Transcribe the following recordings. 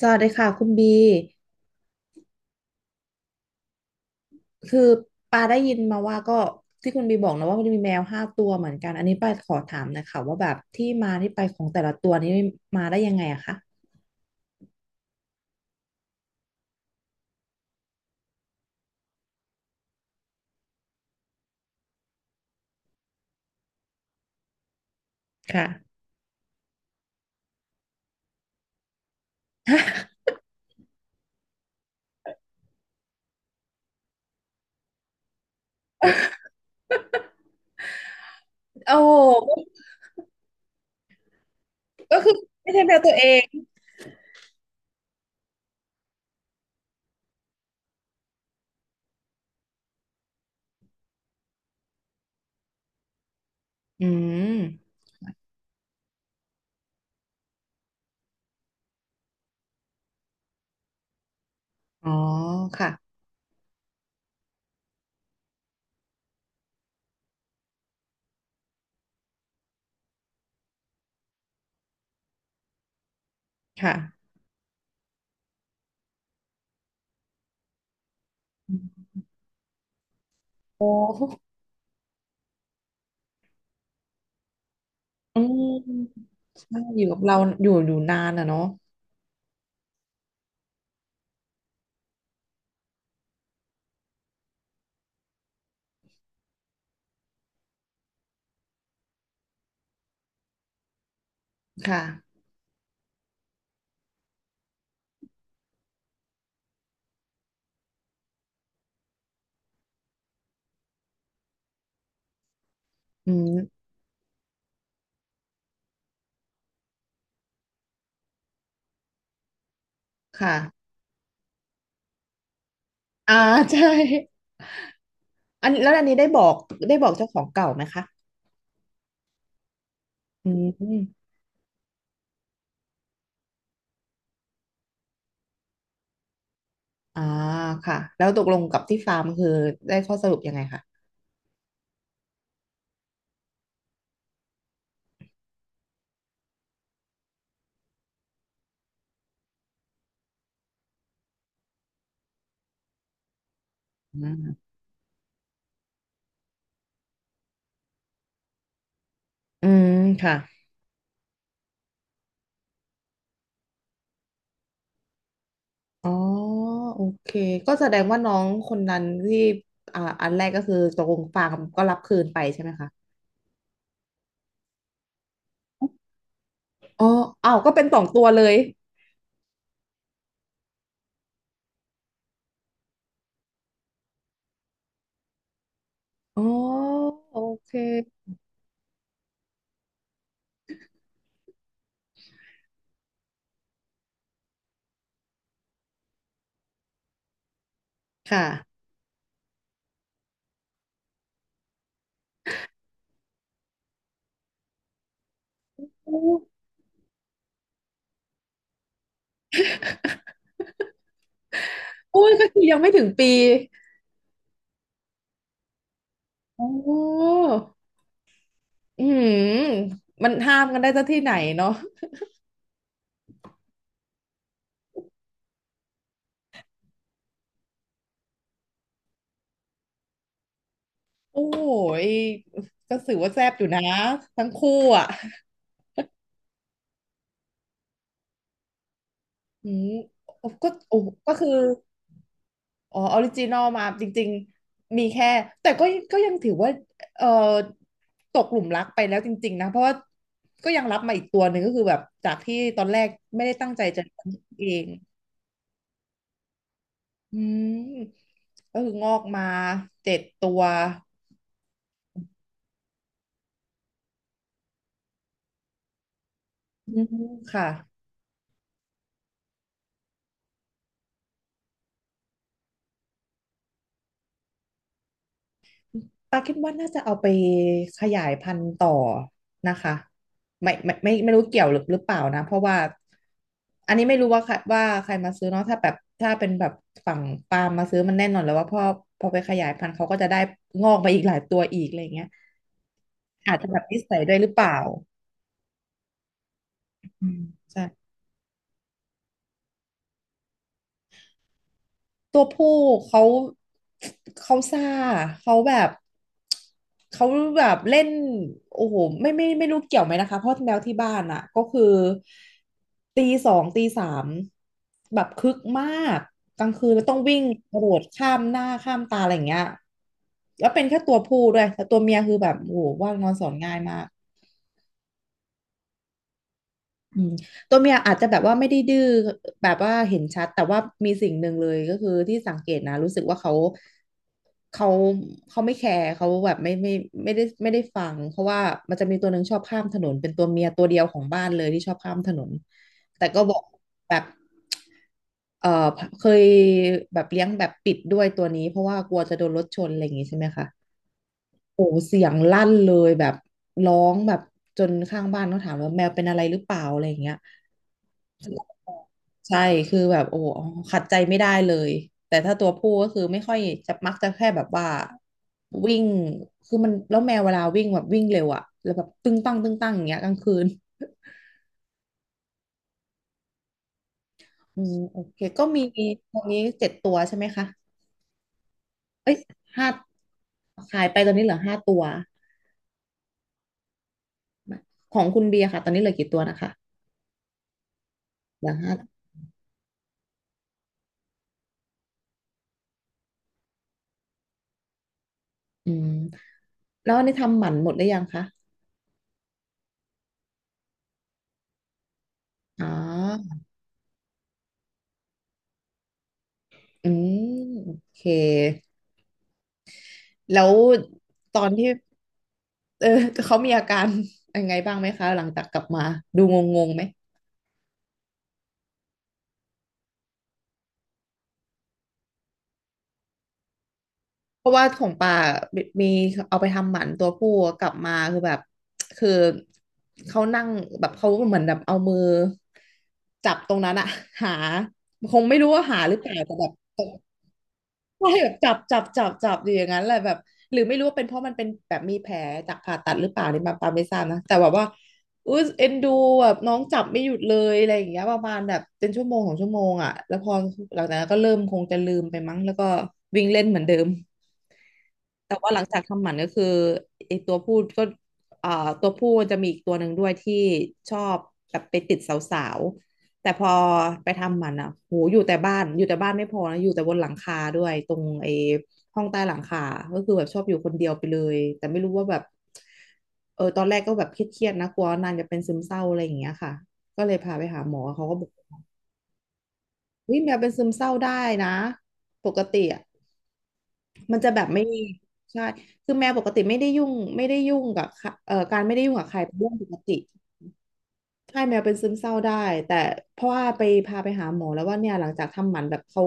สวัสดีค่ะคุณบีคือปาได้ยินมาว่าก็ที่คุณบีบอกนะว่ามันมีแมวห้าตัวเหมือนกัน อันนี้ปาขอถามหนะคะว่าแบบที่มาที่ไปของแต่ละตัวนี้มาได้ยังไงอะคะ ค่ะ โอ้ไม่ใช่แมวตัวเองอืมอ๋อค่ะค่ะโอ้อืมใช่อยู่กับเราอยู่นานอะเนาะค่ะอืมค่ะอ่า ใช่อันแล้วอันนี้ได้บอกเจ้าของเก่าไหมคะอืม อ่าค่ะ แล้วตกลงกับที่ฟาร์มคือได้ข้อสรุปยังไงคะอืมอืมค่ะ อ๋อโอเค ก็แสดงว่าน้องคนนั้นที่อ่าอันแรกก็คือตกลงฟาร์มก็รับคืนไปใช่ไหมคะอ๋ออ้าวก็เป็นสองตัวเลย อ๋อ โอเค ค่ะโอ้โอ้ย ก็คือยังไม่ถึงปี อ๋ออืมมันห้ามกันได้ซะที่ไหนเนาะโอ้ย ก็ถือว่าแซ่บอยู่นะทั้งคู่อ่ะ อืมก็โอ้ก็คืออ๋อออริจินอลมาจริงๆมีแค่แต่ก็ก็ยังถือว่าเอ่อตกหลุมรักไปแล้วจริงๆนะเพราะว่าก็ยังรับมาอีกตัวหนึ่งก็คือแบบจากที่ตอนแรกไม่ได้ตั้งใจจะเลี้ยงเองอืมก็คืองอกมาเจ็ดตัวอืมค่ะ ปาคิดว่าน่าจะเอาไปขยายพันธุ์ต่อนะคะไม่รู้เกี่ยวหรือเปล่านะเพราะว่าอันนี้ไม่รู้ว่าใครมาซื้อเนาะถ้าแบบถ้าเป็นแบบฝั่งปาล์มมาซื้อมันแน่นอนแล้วว่าพอไปขยายพันธุ์เขาก็จะได้งอกไปอีกหลายตัวอีกอะไรเงี้ยอาจจะแบบนิสัยด้วยหรือเปล่าอืมใช่ ตัวผู้เขาเขาซ่าเขาแบบเขาแบบเล่นโอ้โหไม่รู้เกี่ยวไหมนะคะเพราะแมวที่บ้านอ่ะก็คือตีสองตีสามแบบคึกมากกลางคืนแล้วต้องวิ่งกระโดดข้ามหน้าข้ามตาอะไรอย่างเงี้ยแล้วเป็นแค่ตัวผู้ด้วยแต่ตัวเมียคือแบบโอ้โหว่านอนสอนง่ายมาก อืมตัวเมียอาจจะแบบว่าไม่ได้ดื้อแบบว่าเห็นชัดแต่ว่ามีสิ่งหนึ่งเลยก็คือที่สังเกตนะรู้สึกว่าเขาเขาไม่แคร์เขาแบบไม่ได้ฟังเพราะว่ามันจะมีตัวหนึ่งชอบข้ามถนนเป็นตัวเมียตัวเดียวของบ้านเลยที่ชอบข้ามถนนแต่ก็บอกแบบเออเคยแบบเลี้ยงแบบปิดด้วยตัวนี้เพราะว่ากลัวจะโดนรถชนอะไรอย่างงี้ใช่ไหมคะโอ้เสียงลั่นเลยแบบร้องแบบจนข้างบ้านเขาถามว่าแมวเป็นอะไรหรือเปล่าอะไรอย่างเงี้ย ใช่คือแบบโอ้โหขัดใจไม่ได้เลยแต่ถ้าตัวผู้ก็คือไม่ค่อยจะมักจะแค่แบบว่าวิ่งคือมันแล้วแมวเวลาวิ่งแบบวิ่งเร็วอะแล้วแบบตึ้งตั้งตึ้งตั้งอย่างเงี้ยกลางคืนอืมโอเคก็มีตอนนี้เจ็ดตัวใช่ไหมคะเอ้ยห้าขายไปตอนนี้เหลือห้าตัวของคุณเบียร์ค่ะตอนนี้เหลือกี่ตัวนะคะเหลือห้าอืมแล้วอันนี่ทำหมันหมดหรือยังคะอ๋ออืมโอเค แล้วตอนที่เออเขามีอาการ ยังไงบ้างไหมคะ หลังจากกลับมาดูงงงๆไหม เพราะว่าของป่ามีเอาไปทำหมันตัวผู้กลับมาคือแบบคือเขานั่งแบบเขาเหมือนแบบเอามือจับตรงนั้นอะหาคงไม่รู้ว่าหาหรือเปล่าแต่แบบ ใช่แบบจับอยู่อย่างนั้นแหละแบบหรือไม่รู้ว่าเป็นเพราะมันเป็นแบบมีแผลจากผ่าตัดหรือเปล่านี่มาปาไม่ทราบนะแต่แบบว่าอุ้ยเอ็นดูแบบน้องจับไม่หยุดเลยอะไรอย่างเงี้ยประมาณแบบเป็นชั่วโมงของชั่วโมงอ่ะแล้วพอหลังจากนั้นก็เริ่มคงจะลืมไปมั้งแล้วก็วิ่งเล่นเหมือนเดิม แต่ว่าหลังจากทำหมันก็คือไอตัวผู้ก็อ่าตัวผู้จะมีอีกตัวหนึ่งด้วยที่ชอบแบบไปติดสาวๆแต่พอไปทำหมันอ่ะโหอยู่แต่บ้านไม่พอนะอยู่แต่บนหลังคาด้วยตรงไอห้องใต้หลังคาก็คือแบบชอบอยู่คนเดียวไปเลยแต่ไม่รู้ว่าแบบเออตอนแรกก็แบบเครียดๆนะกลัวนางจะเป็นซึมเศร้าอะไรอย่างเงี้ยค่ะก็เลยพาไปหาหมอเขาก็บอกเฮ้ยแมวเป็นซึมเศร้าได้นะปกติอะ มันจะแบบไม่ใช่คือแมวปกติไม่ได้ยุ่งไม่ได้ยุ่งกับใครการไม่ได้ยุ่งกับใครเป็นเรื่องปกติใช่แมวเป็นซึมเศร้าได้แต่เพราะว่าไปพาไปหาหมอแล้วว่าเนี่ยหลังจากทำหมันแบบเขา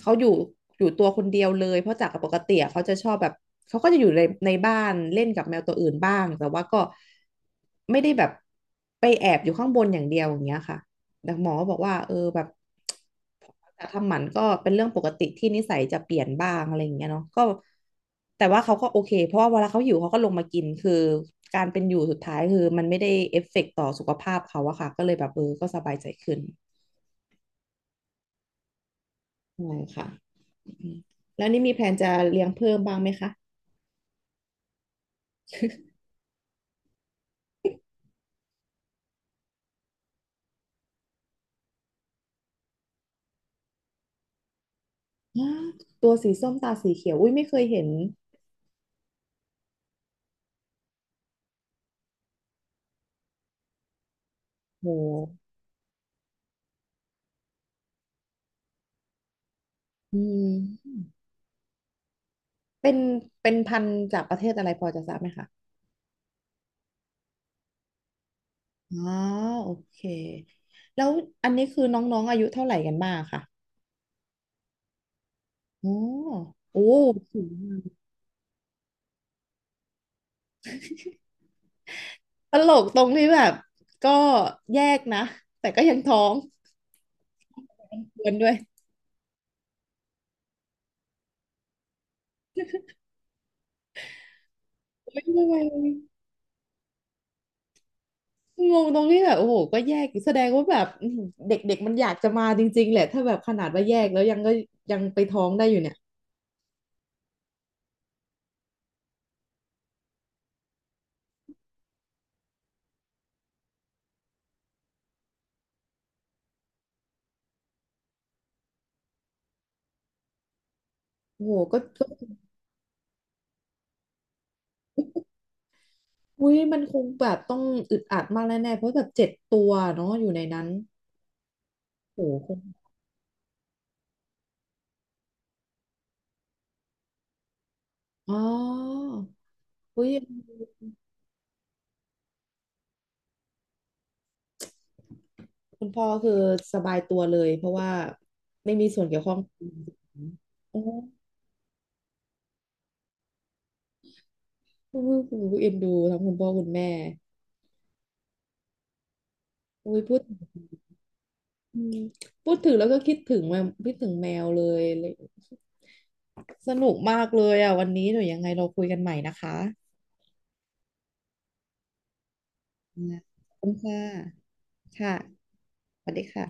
เขาอยู่อยู่ตัวคนเดียวเลยเพราะจากปกติอะเขาจะชอบแบบเขาก็จะอยู่ในบ้านเล่นกับแมวตัวอื่นบ้างแต่ว่าก็ไม่ได้แบบไปแอบอยู่ข้างบนอย่างเดียวอย่างเงี้ยค่ะ แต่หมอก็บอกว่าเออแบบการทำหมันก็เป็นเรื่องปกติที่นิสัยจะเปลี่ยนบ้างอะไรอย่างเงี้ยเนาะก็แต่ว่าเขาก็โอเคเพราะว่าเวลาเขาหิวเขาก็ลงมากินคือการเป็นอยู่สุดท้ายคือมันไม่ได้เอฟเฟกต์ต่อสุขภาพเขาอะค่ะก็เลยแบบเออก็สบายใจขึ้นใช่ค่ะอืมแล้วนี่มีแผนจะเลี้ยงเพิ่มบ้างไหมคะอ้ตัวสีส้มตาสีเขียวอุ้ยไม่เคยเห็นโหอืมเป็นเป็นพันธุ์จากประเทศอะไรพอจะทราบไหมคะ อ๋อโอเคแล้วอันนี้คือน้องๆอายุเท่าไหร่กันบ้างค่ะอ๋อโอ้สูงมากตลกตรงที่แบบก็แยกนะแต่ก็ยังท้องเดือนด้วยไม่ไม่ไม่งงตรงที่แบบโอ้โหก็แยกอีกแสดงว่าแบบอื้อหือเด็กๆมันอยากจะมาจริงๆแหละถ้าแบบขนาดว่าแยกแล้วยังก็ยังไปท้องได้อยู่เนี่ยโอ้โหก็ก็อุ้ยมันคงแบบต้องอึดอัดมากแน่ๆเพราะแบบ7 ตัวเนาะอยู่ในนั้นโอ้โหคงอ๋ออุ้ย คุณพ่อคือสบายตัวเลยเพราะว่าไม่มีส่วนเกี่ยวข้องโอ้โหเอ็นดูทั้งคุณพ่อคุณแม่อุ้ยพูดอืมพูดถึงแล้วก็คิดถึงแมวคิดถึงแมวเลยเลยสนุกมากเลยอ่ะวันนี้หนูยังไงเราคุยกันใหม่นะคะนะขอบคุณค่ะค่ะสวัสดีค่ะ